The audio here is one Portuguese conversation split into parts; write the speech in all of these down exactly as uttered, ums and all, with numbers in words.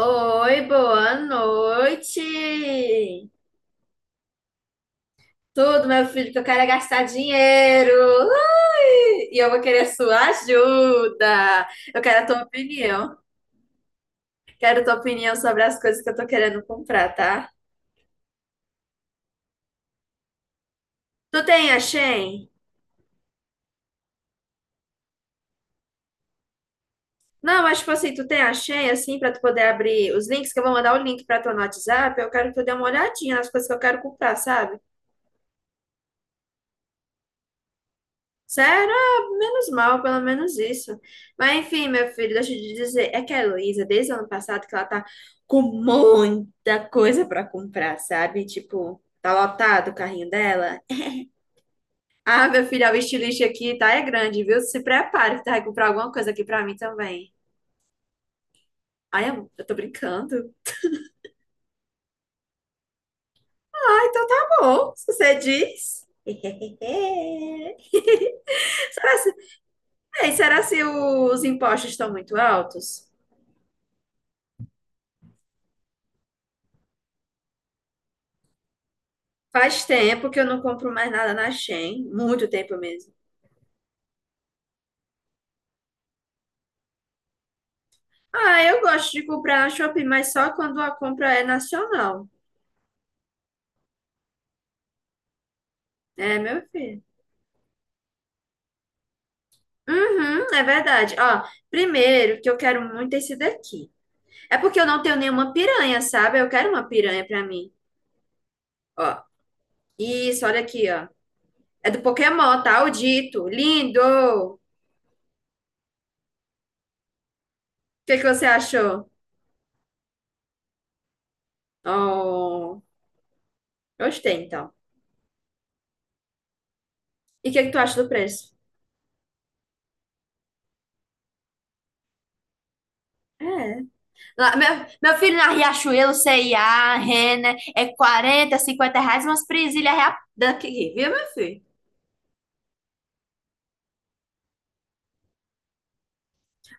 Oi, boa noite! Tudo, meu filho, que eu quero é gastar dinheiro! Ui! E eu vou querer a sua ajuda! Eu quero a tua opinião. Quero a tua opinião sobre as coisas que eu tô querendo comprar, tá? Tu tem a Shein? Não, mas tipo assim, tu tem a Shein, assim, pra tu poder abrir os links, que eu vou mandar o link pra tu no WhatsApp. Eu quero que tu dê uma olhadinha nas coisas que eu quero comprar, sabe? Sério? Ah, menos mal, pelo menos isso. Mas enfim, meu filho, deixa eu te dizer, é que a Heloísa, desde o ano passado, que ela tá com muita coisa pra comprar, sabe? Tipo, tá lotado o carrinho dela. Ah, meu filho, o estilista aqui tá é grande, viu? Se prepare, que tá? Vai comprar alguma coisa aqui pra mim também. Ai, amor, eu tô brincando. Ah, então tá bom, se você diz. Será se, Ei, será se os impostos estão muito altos? Faz tempo que eu não compro mais nada na Shein, muito tempo mesmo. Ah, eu gosto de comprar na Shopee, mas só quando a compra é nacional. É, meu filho. Uhum, é verdade. Ó, primeiro que eu quero muito esse daqui. É porque eu não tenho nenhuma piranha, sabe? Eu quero uma piranha pra mim. Ó, isso, olha aqui, ó. É do Pokémon, tá? O Dito. Lindo! O que que você achou? Oh, gostei, então. E o que que tu acha do preço? É. Lá- Meu, meu filho, na Riachuelo, C e A, Renner, é quarenta cinquenta reais, umas presilhas rea- daqui, viu, meu filho?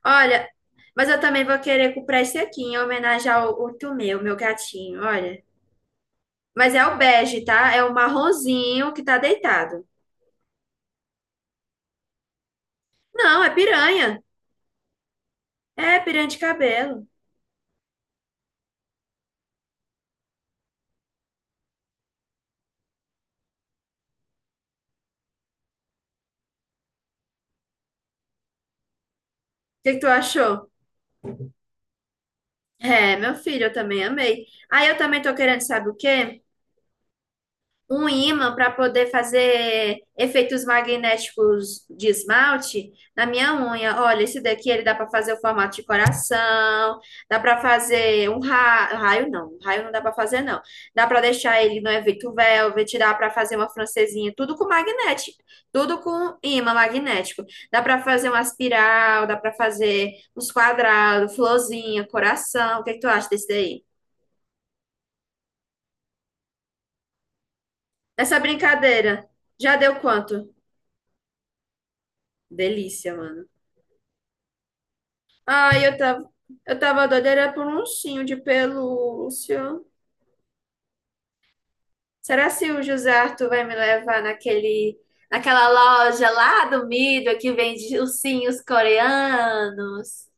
Olha, mas eu também vou querer comprar esse aqui em homenagem ao outro meu, meu gatinho, olha. Mas é o bege, tá? É o marronzinho que tá deitado. Não, é piranha. É piranha de cabelo. O que que tu achou? É, meu filho, eu também amei. Aí eu também tô querendo, sabe o quê? Um ímã para poder fazer efeitos magnéticos de esmalte na minha unha. Olha, esse daqui ele dá para fazer o formato de coração, dá para fazer um ra... raio, não, um raio não dá para fazer não. Dá para deixar ele no efeito velvet, dá para fazer uma francesinha, tudo com magnético, tudo com ímã magnético. Dá para fazer uma espiral, dá para fazer uns quadrados, florzinha, coração. O que que tu acha desse daí? Essa brincadeira já deu quanto? Delícia, mano. Ah, eu tava, eu tava doida, era por um ursinho de pelúcia. Será se o José Arthur vai me levar naquele, naquela loja lá do Mido que vende ursinhos coreanos?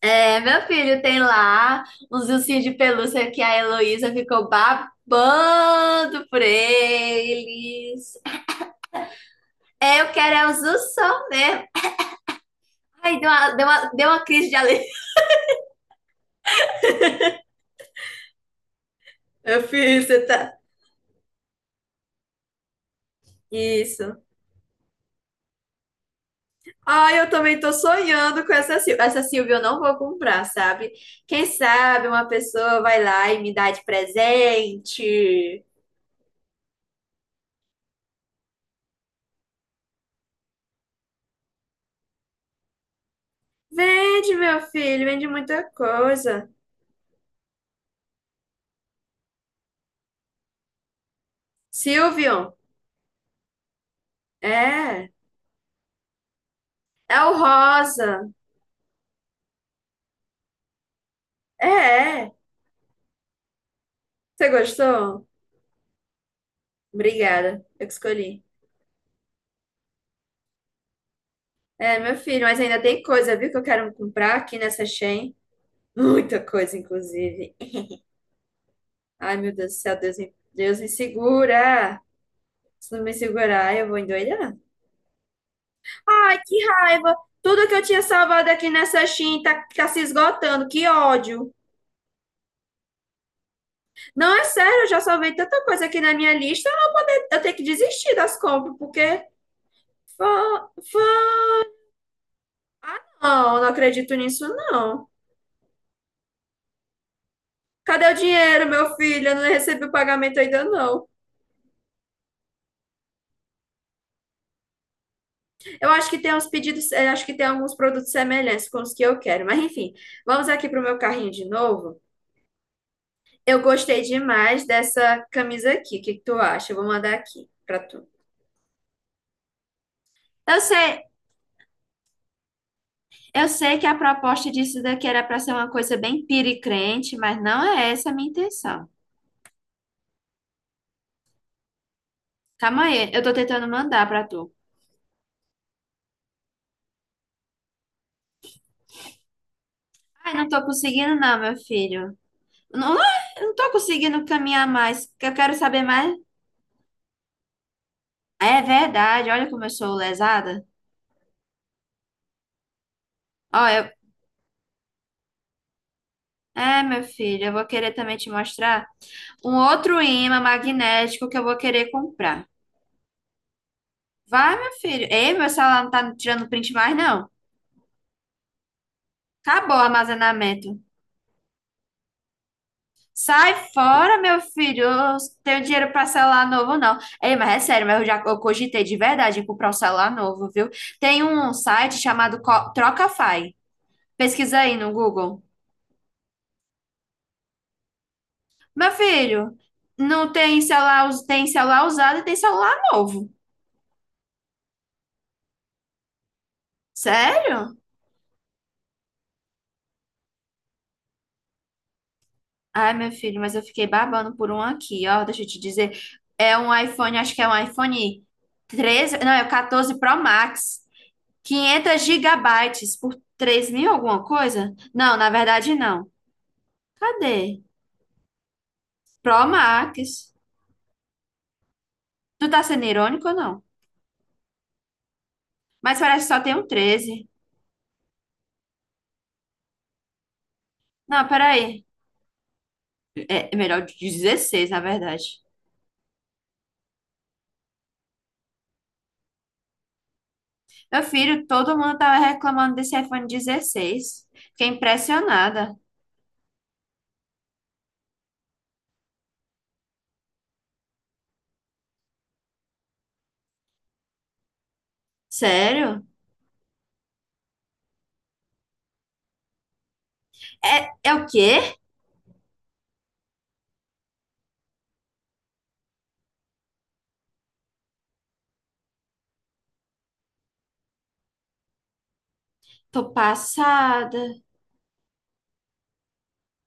É, meu filho tem lá uns ursinhos de pelúcia que a Heloísa ficou babando por eles. É, eu quero é os ursos mesmo. Ai, deu uma, deu uma, deu uma crise de alegria. Eu fiz, você tá. Isso. Ai, eu também tô sonhando com essa Silvia. Essa Silvia eu não vou comprar, sabe? Quem sabe uma pessoa vai lá e me dá de presente. Vende, meu filho, vende muita coisa. Silvio, é. É o rosa. É, é. Você gostou? Obrigada, eu que escolhi. É, meu filho, mas ainda tem coisa, viu, que eu quero comprar aqui nessa Shein. Muita coisa, inclusive. Ai, meu Deus do céu, Deus me, Deus me segura. Se não me segurar, eu vou endoidar. Ai, que raiva! Tudo que eu tinha salvado aqui nessa Shein tá, tá se esgotando, que ódio. Não, é sério, eu já salvei tanta coisa aqui na minha lista, eu tenho que desistir das compras, porque fã- fã- ah, não, não acredito nisso, não. Cadê o dinheiro, meu filho? Eu não recebi o pagamento ainda, não. Eu acho que tem uns pedidos, eh, acho que tem alguns produtos semelhantes com os que eu quero, mas enfim, vamos aqui pro meu carrinho de novo. Eu gostei demais dessa camisa aqui, o que que tu acha? Eu vou mandar aqui pra tu. Eu sei, Eu sei que a proposta disso daqui era para ser uma coisa bem piricrente, mas não é essa a minha intenção. Calma aí, eu tô tentando mandar para tu. Ai, não tô conseguindo não, meu filho. Não, não é- não tô conseguindo caminhar mais, que eu quero saber mais. É verdade, olha como eu sou lesada. Ó, eu... É, meu filho, eu vou querer também te mostrar um outro ímã magnético que eu vou querer comprar. Vai, meu filho. Ei, meu celular não tá tirando print mais, não. Acabou o armazenamento. Sai fora, meu filho. Eu tenho dinheiro para celular novo, não. Ei, mas é sério, mas eu já eu cogitei de verdade em comprar um celular novo, viu? Tem um site chamado Co- Trocafy. Pesquisa aí no Google. Meu filho, não tem celular, us- tem celular usado e tem celular novo. Sério? Ai, meu filho, mas eu fiquei babando por um aqui, ó. Deixa eu te dizer. É um iPhone, acho que é um iPhone treze não, é o catorze Pro Max. quinhentos gigabytes por três mil alguma coisa? Não, na verdade não. Cadê? Pro Max. Tu tá sendo irônico ou não? Mas parece que só tem um treze. Não, peraí. É é melhor de dezesseis, na verdade. Meu filho, todo mundo tava reclamando desse iPhone dezesseis. Fiquei impressionada. Sério? É, é o quê? Tô passada.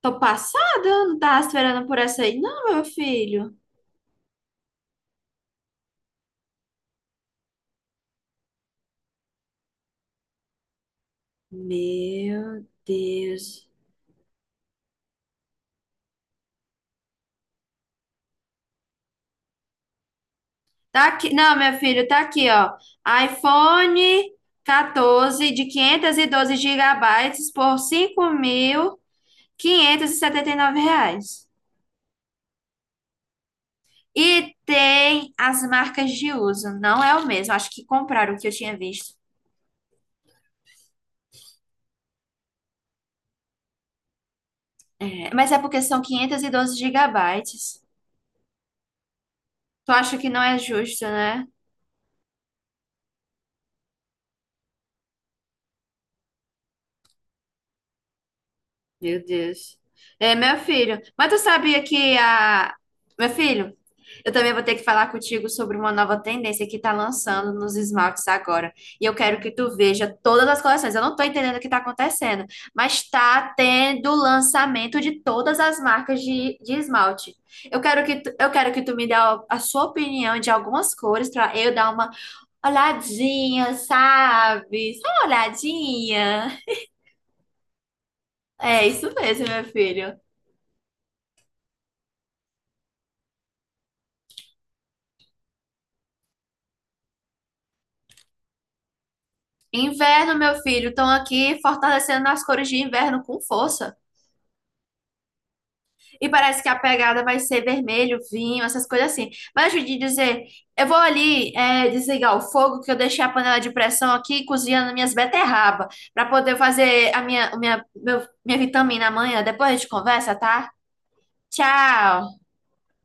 Tô passada? Eu não tava esperando por essa aí, não, meu filho. Meu Deus. Tá aqui, não, meu filho, tá aqui, ó. iPhone catorze de quinhentos e doze gigabytes por cinco mil quinhentos e e setenta e nove reais. E tem as marcas de uso, não é o mesmo. Acho que compraram o que eu tinha visto. É, mas é porque são quinhentos e doze gigabytes. Tu acha que não é justo, né? Meu Deus. É, meu filho, mas tu sabia que a. Meu filho, eu também vou ter que falar contigo sobre uma nova tendência que está lançando nos esmaltes agora. E eu quero que tu veja todas as coleções. Eu não estou entendendo o que está acontecendo, mas está tendo lançamento de todas as marcas de, de esmalte. Eu quero que tu, eu quero que tu me dê a, a sua opinião de algumas cores para eu dar uma olhadinha, sabe? Só uma olhadinha. É isso mesmo, meu filho. Inverno, meu filho, estão aqui fortalecendo as cores de inverno com força. E parece que a pegada vai ser vermelho, vinho, essas coisas assim. Mas eu de dizer, eu vou ali é, desligar o fogo, que eu deixei a panela de pressão aqui cozinhando minhas beterraba, para poder fazer a minha, minha, meu- minha vitamina amanhã. Depois a gente conversa, tá? Tchau!